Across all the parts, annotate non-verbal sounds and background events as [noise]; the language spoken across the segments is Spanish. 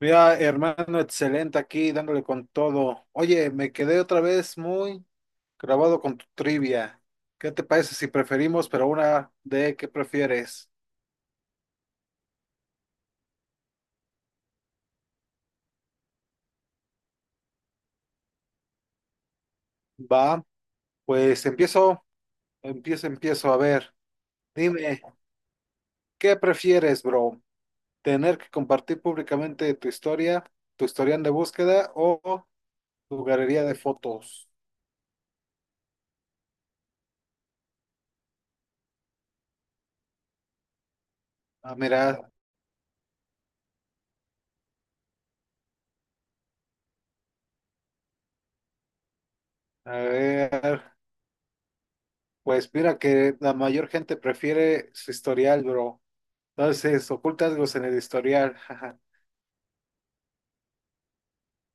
Mira, hermano, excelente aquí, dándole con todo. Oye, me quedé otra vez muy grabado con tu trivia. ¿Qué te parece si preferimos, pero una de qué prefieres? Va, pues empiezo. A ver, dime, ¿qué prefieres, bro? ¿Tener que compartir públicamente tu historia, tu historial de búsqueda o tu galería de fotos? Ah, mira, a ver, pues mira que la mayor gente prefiere su historial, bro. Entonces, oculta algo en el historial. Jaja.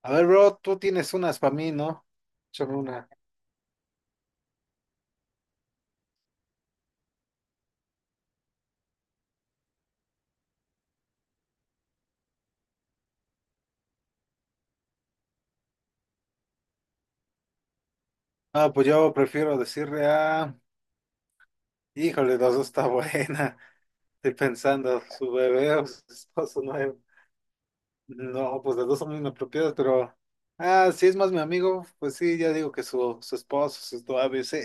A ver, bro, tú tienes unas para mí, ¿no? Échame una. Ah, pues yo prefiero decirle a... Híjole, las dos está [laughs] buena. Estoy pensando, su bebé o su esposo nuevo. No, pues las dos son muy inapropiadas, pero... Ah, si es más mi amigo, pues sí, ya digo que su esposo, su novio, sí.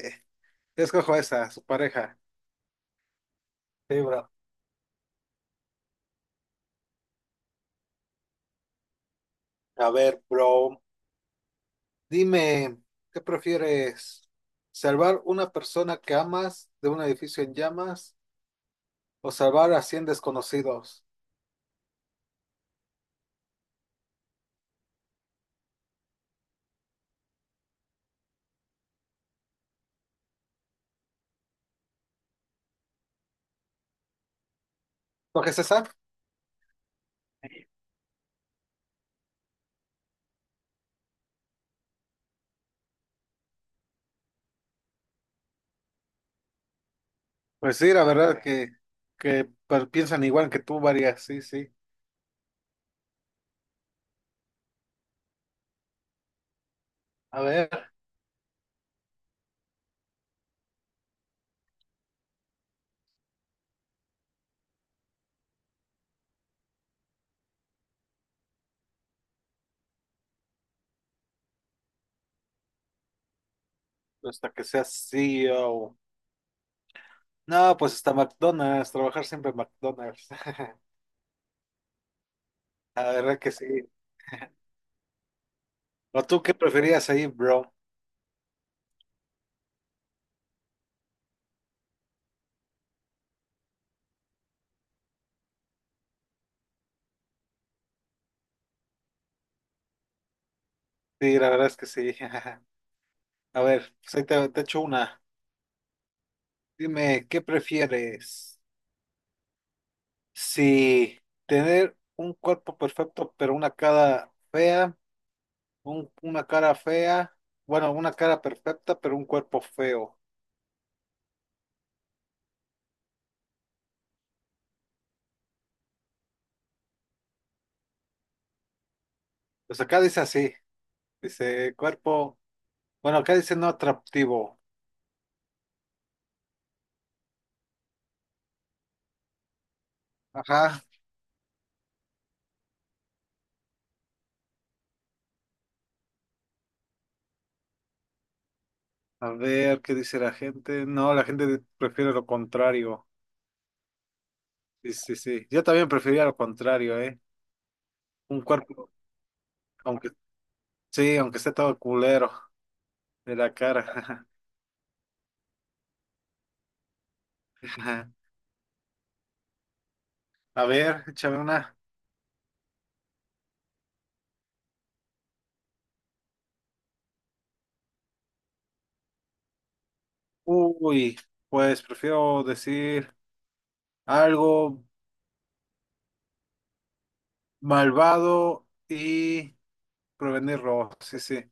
Yo escojo esa, su pareja. Sí, bro. A ver, bro, dime, ¿qué prefieres? ¿Salvar una persona que amas de un edificio en llamas o salvar a 100 desconocidos? ¿Lo que César? Pues sí, la verdad que piensan igual que tú, varias, sí, sí. A ver, hasta que seas CEO. No, pues hasta McDonald's, trabajar siempre en McDonald's. [laughs] La verdad que sí. ¿O tú qué preferías ahí, bro? Sí, la verdad es que sí. [laughs] A ver, pues ahí te echo una. Dime, ¿qué prefieres? Si tener un cuerpo perfecto, pero una cara fea. Una cara fea, bueno, una cara perfecta, pero un cuerpo feo. Pues acá dice así, dice cuerpo, bueno, acá dice no atractivo. Ajá, a ver qué dice la gente. No, la gente prefiere lo contrario. Sí, sí, sí. Yo también prefería lo contrario, ¿eh? Un cuerpo, aunque sí, aunque esté todo culero de la cara. [laughs] A ver, échame una. Uy, pues prefiero decir algo malvado y prevenir robo, sí, sí.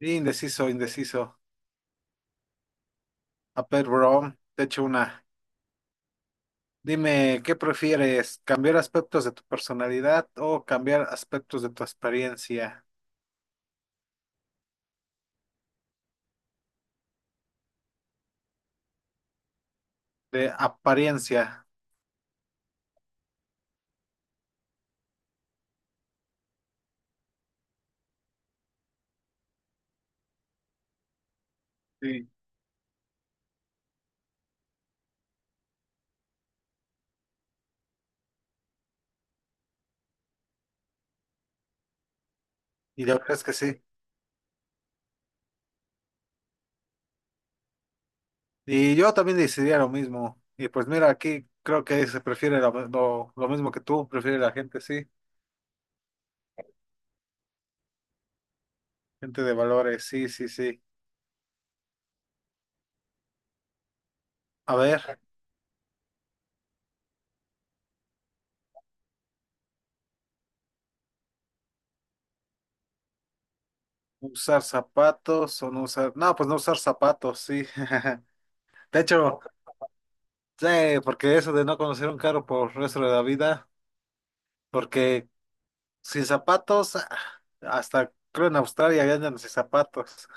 Indeciso, indeciso. A ver, bro, te echo una. Dime, ¿qué prefieres? ¿Cambiar aspectos de tu personalidad o cambiar aspectos de tu experiencia? De apariencia. Sí. Y la verdad es que sí. Y yo también decidía lo mismo. Y pues mira, aquí creo que se prefiere lo mismo que tú, prefiere la gente, sí. Gente de valores, sí, sí, sí. A ver, ¿usar zapatos o no usar? No, pues no usar zapatos, sí. [laughs] De hecho. Sí, porque eso de no conocer un carro por el resto de la vida, porque sin zapatos, ah, hasta creo en Australia ya andan sin zapatos.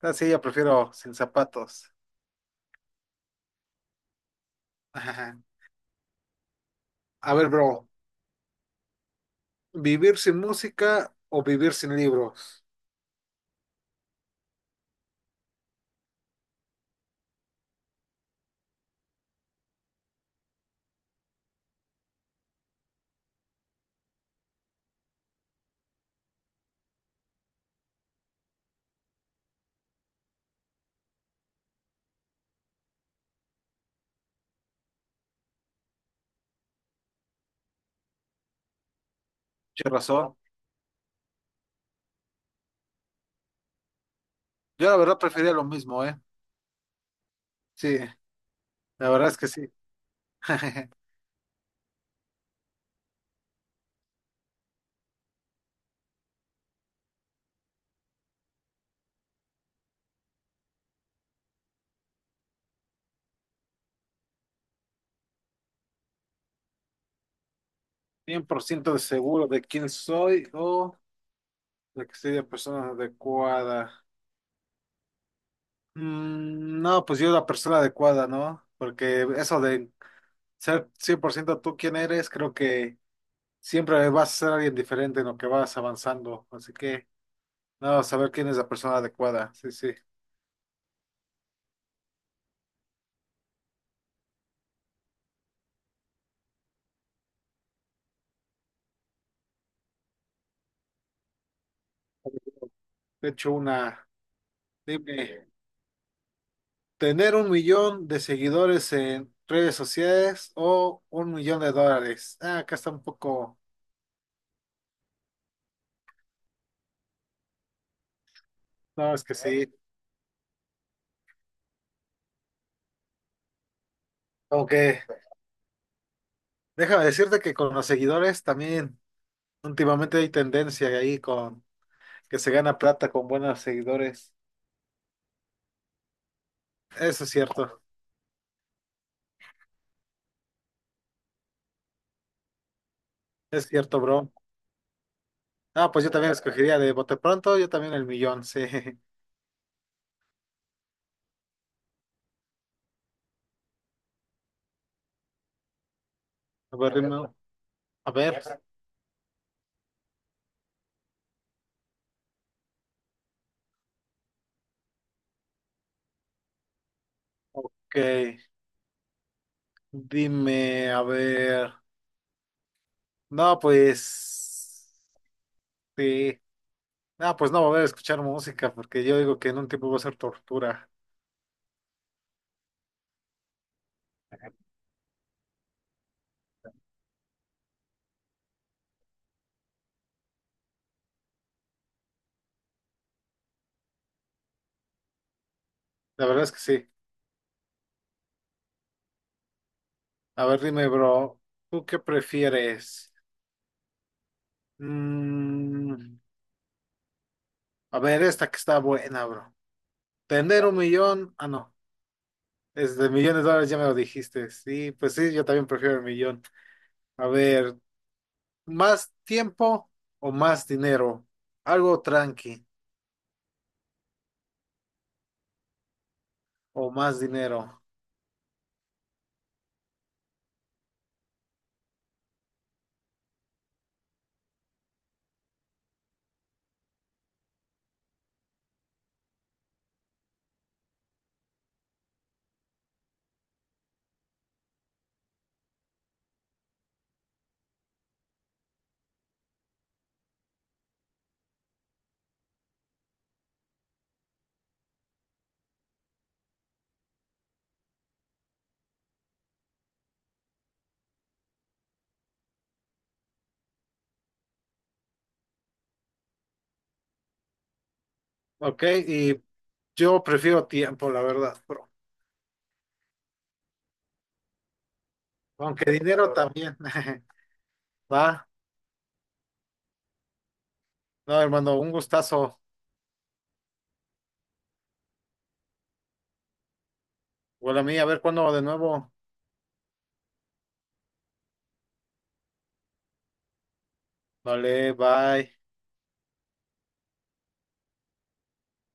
Así yo prefiero sin zapatos. Ajá. A ver, bro, ¿vivir sin música o vivir sin libros? Qué razón. Yo la verdad prefería lo mismo, ¿eh? Sí, la verdad es que sí. [laughs] 100% de seguro de quién soy o de que soy la persona adecuada. Mm, no, pues yo la persona adecuada, ¿no? Porque eso de ser 100% tú quien eres, creo que siempre vas a ser alguien diferente en lo que vas avanzando. Así que, nada, saber quién es la persona adecuada. Sí, sí. De hecho, dime, tener 1 millón de seguidores en redes sociales o 1 millón de dólares. Ah, acá está un poco, no, es que sí. Como que, déjame decirte que con los seguidores también últimamente hay tendencia ahí con que se gana plata con buenos seguidores. Eso es cierto, bro. Ah, pues yo también escogería de bote pronto, yo también el millón, sí. [laughs] A ver, dime, a ver, ok, dime, a ver. No, pues, sí. No, pues no va a haber escuchar música, porque yo digo que en un tiempo va a ser tortura. La verdad es que sí. A ver, dime, bro, ¿tú qué prefieres? Mm, a ver, esta que está buena, bro. Tener un millón, ah, no, es de millones de dólares, ya me lo dijiste. Sí, pues sí, yo también prefiero el millón. A ver. ¿Más tiempo o más dinero? Algo tranqui o más dinero. Ok, y yo prefiero tiempo, la verdad, bro. Aunque dinero también. [laughs] Va. No, hermano, un gustazo. Bueno, a mí, a ver cuándo de nuevo. Vale, bye.